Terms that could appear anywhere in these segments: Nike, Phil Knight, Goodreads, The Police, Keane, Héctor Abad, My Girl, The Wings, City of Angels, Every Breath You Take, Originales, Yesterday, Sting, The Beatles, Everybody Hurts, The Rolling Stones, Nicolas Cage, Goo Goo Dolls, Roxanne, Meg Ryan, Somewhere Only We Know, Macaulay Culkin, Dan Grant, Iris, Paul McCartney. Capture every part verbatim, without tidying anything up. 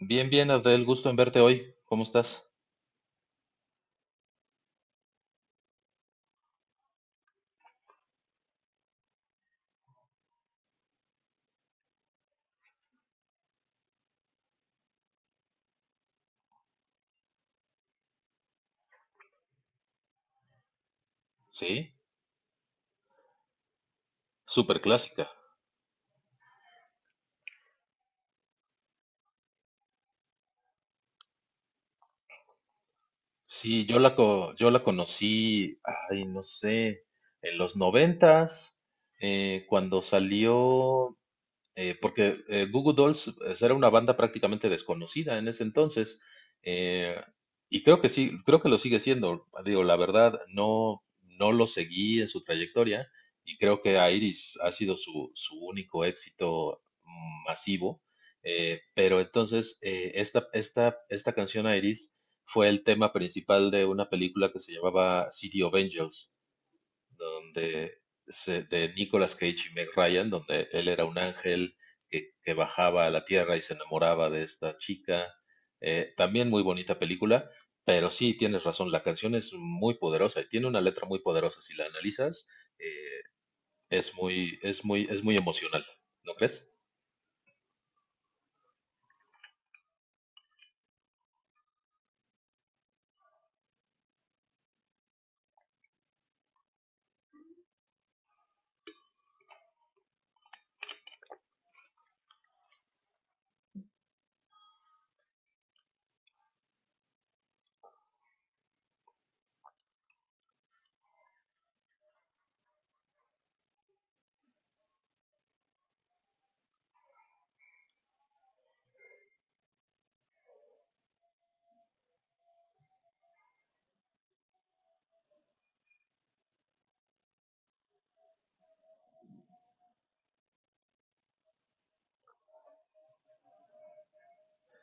Bien, bien, Adel, gusto en verte hoy. ¿Cómo estás? Sí, súper clásica. Sí, yo la, co- yo la conocí, ay, no sé, en los noventas, eh, cuando salió. Eh, porque eh, Goo Goo Dolls pues, era una banda prácticamente desconocida en ese entonces. eh, y creo que sí, creo que lo sigue siendo. Digo, la verdad, no, no lo seguí en su trayectoria. Y creo que Iris ha sido su, su único éxito masivo. Eh, pero entonces, eh, esta, esta, esta canción Iris fue el tema principal de una película que se llamaba City of Angels, donde se- de Nicolas Cage y Meg Ryan, donde él era un ángel que, que bajaba a la tierra y se enamoraba de esta chica. Eh, también muy bonita película, pero sí tienes razón, la canción es muy poderosa y tiene una letra muy poderosa. Si la analizas, eh, es muy, es muy, es muy emocional, ¿no crees?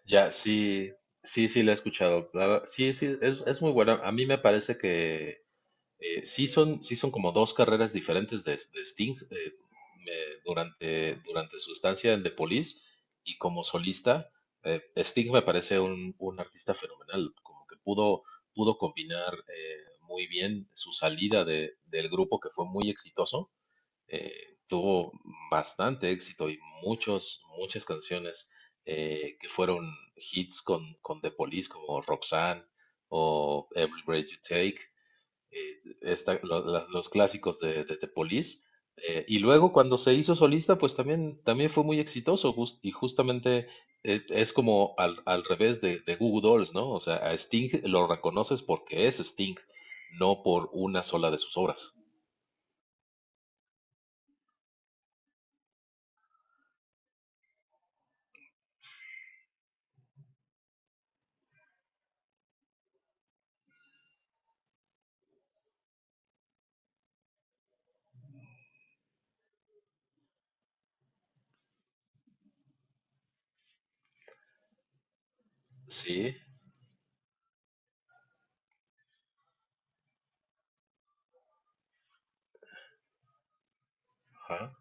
Ya, sí, sí, sí, la he escuchado. La- sí, sí, es, es muy buena. A mí me parece que Eh, sí son, sí son como dos carreras diferentes de, de Sting, eh, me- durante, durante su estancia en The Police y como solista. eh, Sting me parece un, un artista fenomenal, como que pudo, pudo combinar eh, muy bien su salida de- del grupo que fue muy exitoso. Eh, tuvo bastante éxito y muchos, muchas canciones eh, que fueron hits con, con The Police, como Roxanne o Every Breath You Take, eh, esta- lo- la- los clásicos de, de, de Police. Eh, y luego cuando se hizo solista, pues también, también fue muy exitoso jus- y justamente eh, es como al, al revés de, de Goo Goo Dolls, ¿no? O sea, a Sting lo reconoces porque es Sting, no por una sola de sus obras. Sí, ajá.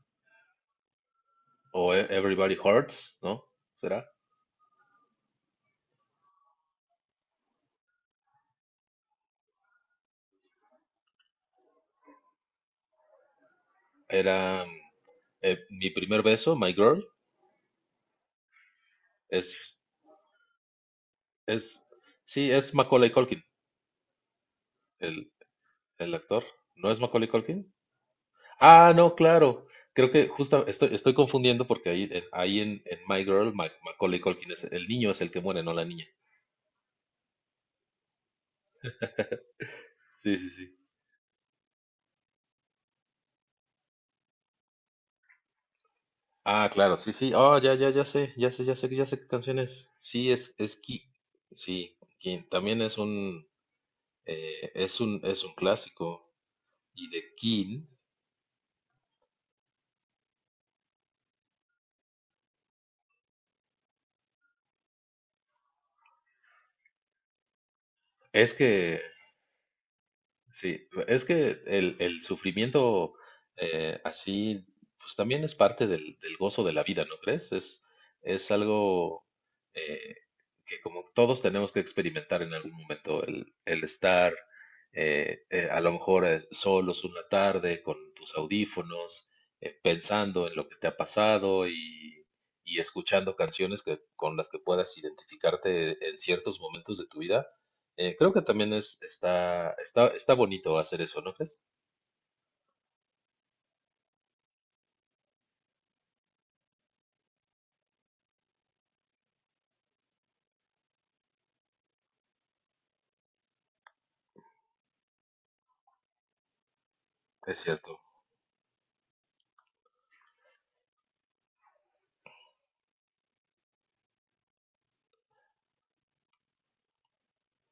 O E- Everybody Hurts, ¿no? ¿Será? Era mm, eh, Mi primer beso, My Girl, es, es, sí, es Macaulay Culkin, el, el actor. ¿No es Macaulay Culkin? Ah, no, claro. Creo que justo estoy, estoy confundiendo porque ahí, en- ahí en, en My Girl, Ma- Macaulay Culkin es el niño es el que muere, no la niña. Sí, sí, sí. Ah, claro, sí, sí. Oh, ya, ya, ya sé, ya sé, ya sé, ya sé qué canción es. Sí, es, es Ki- Sí, Kin. También es un, eh, es un, es un clásico. Y de King, es que sí, e, es que el, el sufrimiento eh, así, pues también es parte del, del gozo de la vida, ¿no crees? Es, es algo, eh, que como todos tenemos que experimentar en algún momento, el, el estar eh, eh, a lo mejor eh, solos una tarde con tus audífonos, eh, pensando en lo que te ha pasado y, y escuchando canciones que, con las que puedas identificarte en ciertos momentos de tu vida, eh, creo que también es, está, está, está bonito hacer eso, ¿no crees? Es cierto.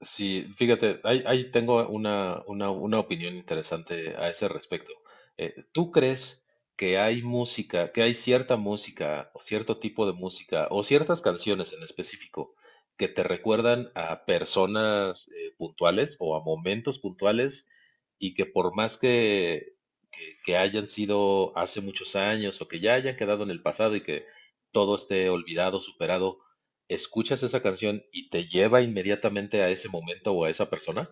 Sí, fíjate, ahí, ahí tengo una, una, una opinión interesante a ese respecto. Eh, ¿tú crees que hay música, que hay cierta música o cierto tipo de música o ciertas canciones en específico que te recuerdan a personas, eh, puntuales o a momentos puntuales y que por más que, que, que hayan sido hace muchos años o que ya hayan quedado en el pasado y que todo esté olvidado, superado, escuchas esa canción y te lleva inmediatamente a ese momento o a esa persona.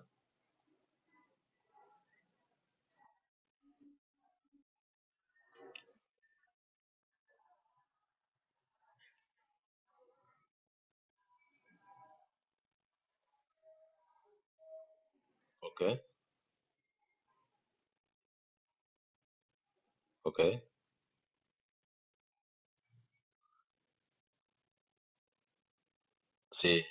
Ok, ok. Sí,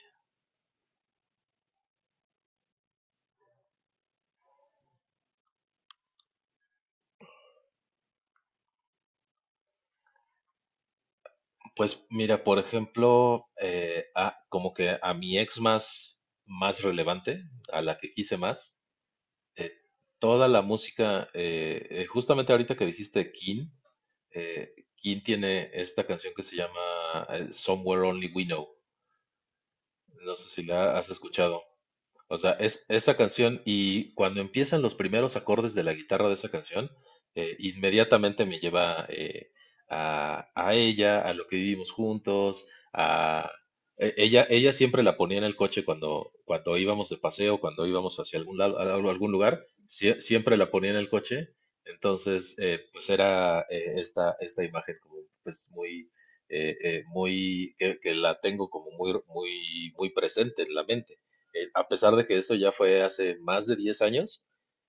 pues mira, por ejemplo, eh, a- como que a mi ex más, más relevante, a la que quise más, eh, toda la música, eh, eh, justamente ahorita que dijiste King, eh, King tiene esta canción que se llama eh, Somewhere Only We Know. No sé si la has escuchado. O sea, es esa canción y cuando empiezan los primeros acordes de la guitarra de esa canción, eh, inmediatamente me lleva, eh, a, a ella, a lo que vivimos juntos, a e- ella, ella siempre la ponía en el coche cuando, cuando íbamos de paseo, cuando íbamos hacia algún lado, a algún lugar, sie- siempre la ponía en el coche. Entonces, eh, pues era eh, esta, esta imagen como pues muy, eh, eh, muy, que, que la tengo como muy, muy, muy presente en la mente, eh, a pesar de que esto ya fue hace más de diez años,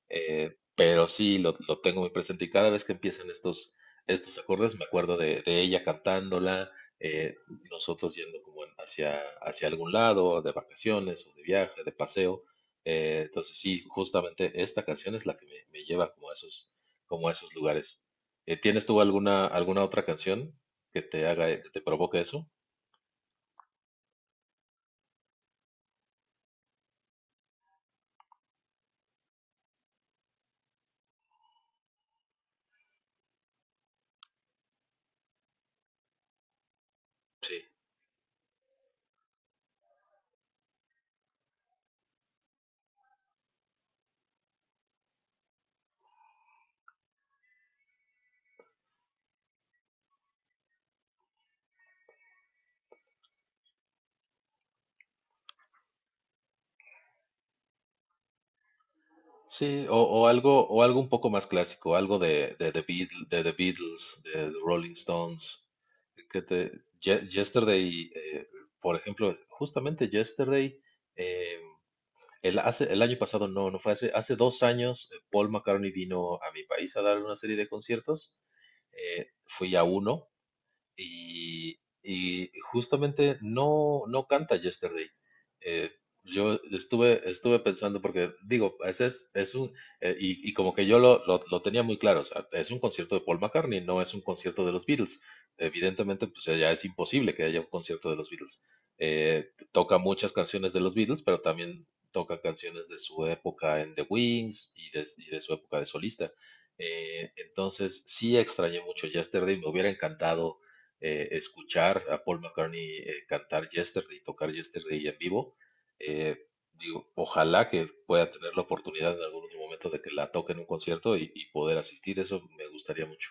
eh, pero sí lo, lo tengo muy presente y cada vez que empiezan estos, estos acordes me acuerdo de, de ella cantándola, eh, nosotros yendo como en- hacia, hacia algún lado, de vacaciones o de viaje, de paseo. Eh, entonces sí, justamente esta canción es la que me, me lleva como a esos, como a esos lugares. Eh, ¿tienes tú alguna, alguna otra canción que te haga, que te provoque eso? Sí. Sí, o, o algo, o algo un poco más clásico, algo de, de, The Beatl- de The Beatles, de The Rolling Stones, que te, Ye- Yesterday, eh, por ejemplo, justamente Yesterday, eh, el, hace, el año pasado, no, no fue hace, hace dos años, eh, Paul McCartney vino a mi país a dar una serie de conciertos, eh, fui a uno, y, y justamente no, no canta Yesterday. Eh, yo estuve, estuve pensando, porque digo, ese es, es un, eh, y, y como que yo lo, lo, lo tenía muy claro, o sea, es un concierto de Paul McCartney, no es un concierto de los Beatles. Evidentemente, pues ya es imposible que haya un concierto de los Beatles. Eh, toca muchas canciones de los Beatles, pero también toca canciones de su época en The Wings y de, y de su época de solista. Eh, entonces, sí extrañé mucho Yesterday, me hubiera encantado eh, escuchar a Paul McCartney eh, cantar Yesterday y tocar Yesterday en vivo. eh, Digo, ojalá que pueda tener la oportunidad en algún otro momento de que la toque en un concierto y, y poder asistir, eso me gustaría mucho.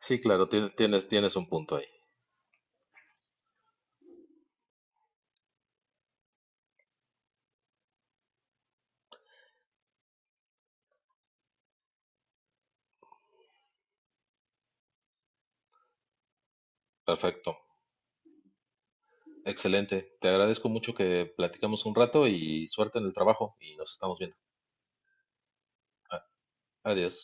Sí, claro, tien- tienes, tienes un punto ahí. Perfecto. Excelente. Te agradezco mucho que platicamos un rato y suerte en el trabajo y nos estamos viendo. A- Adiós.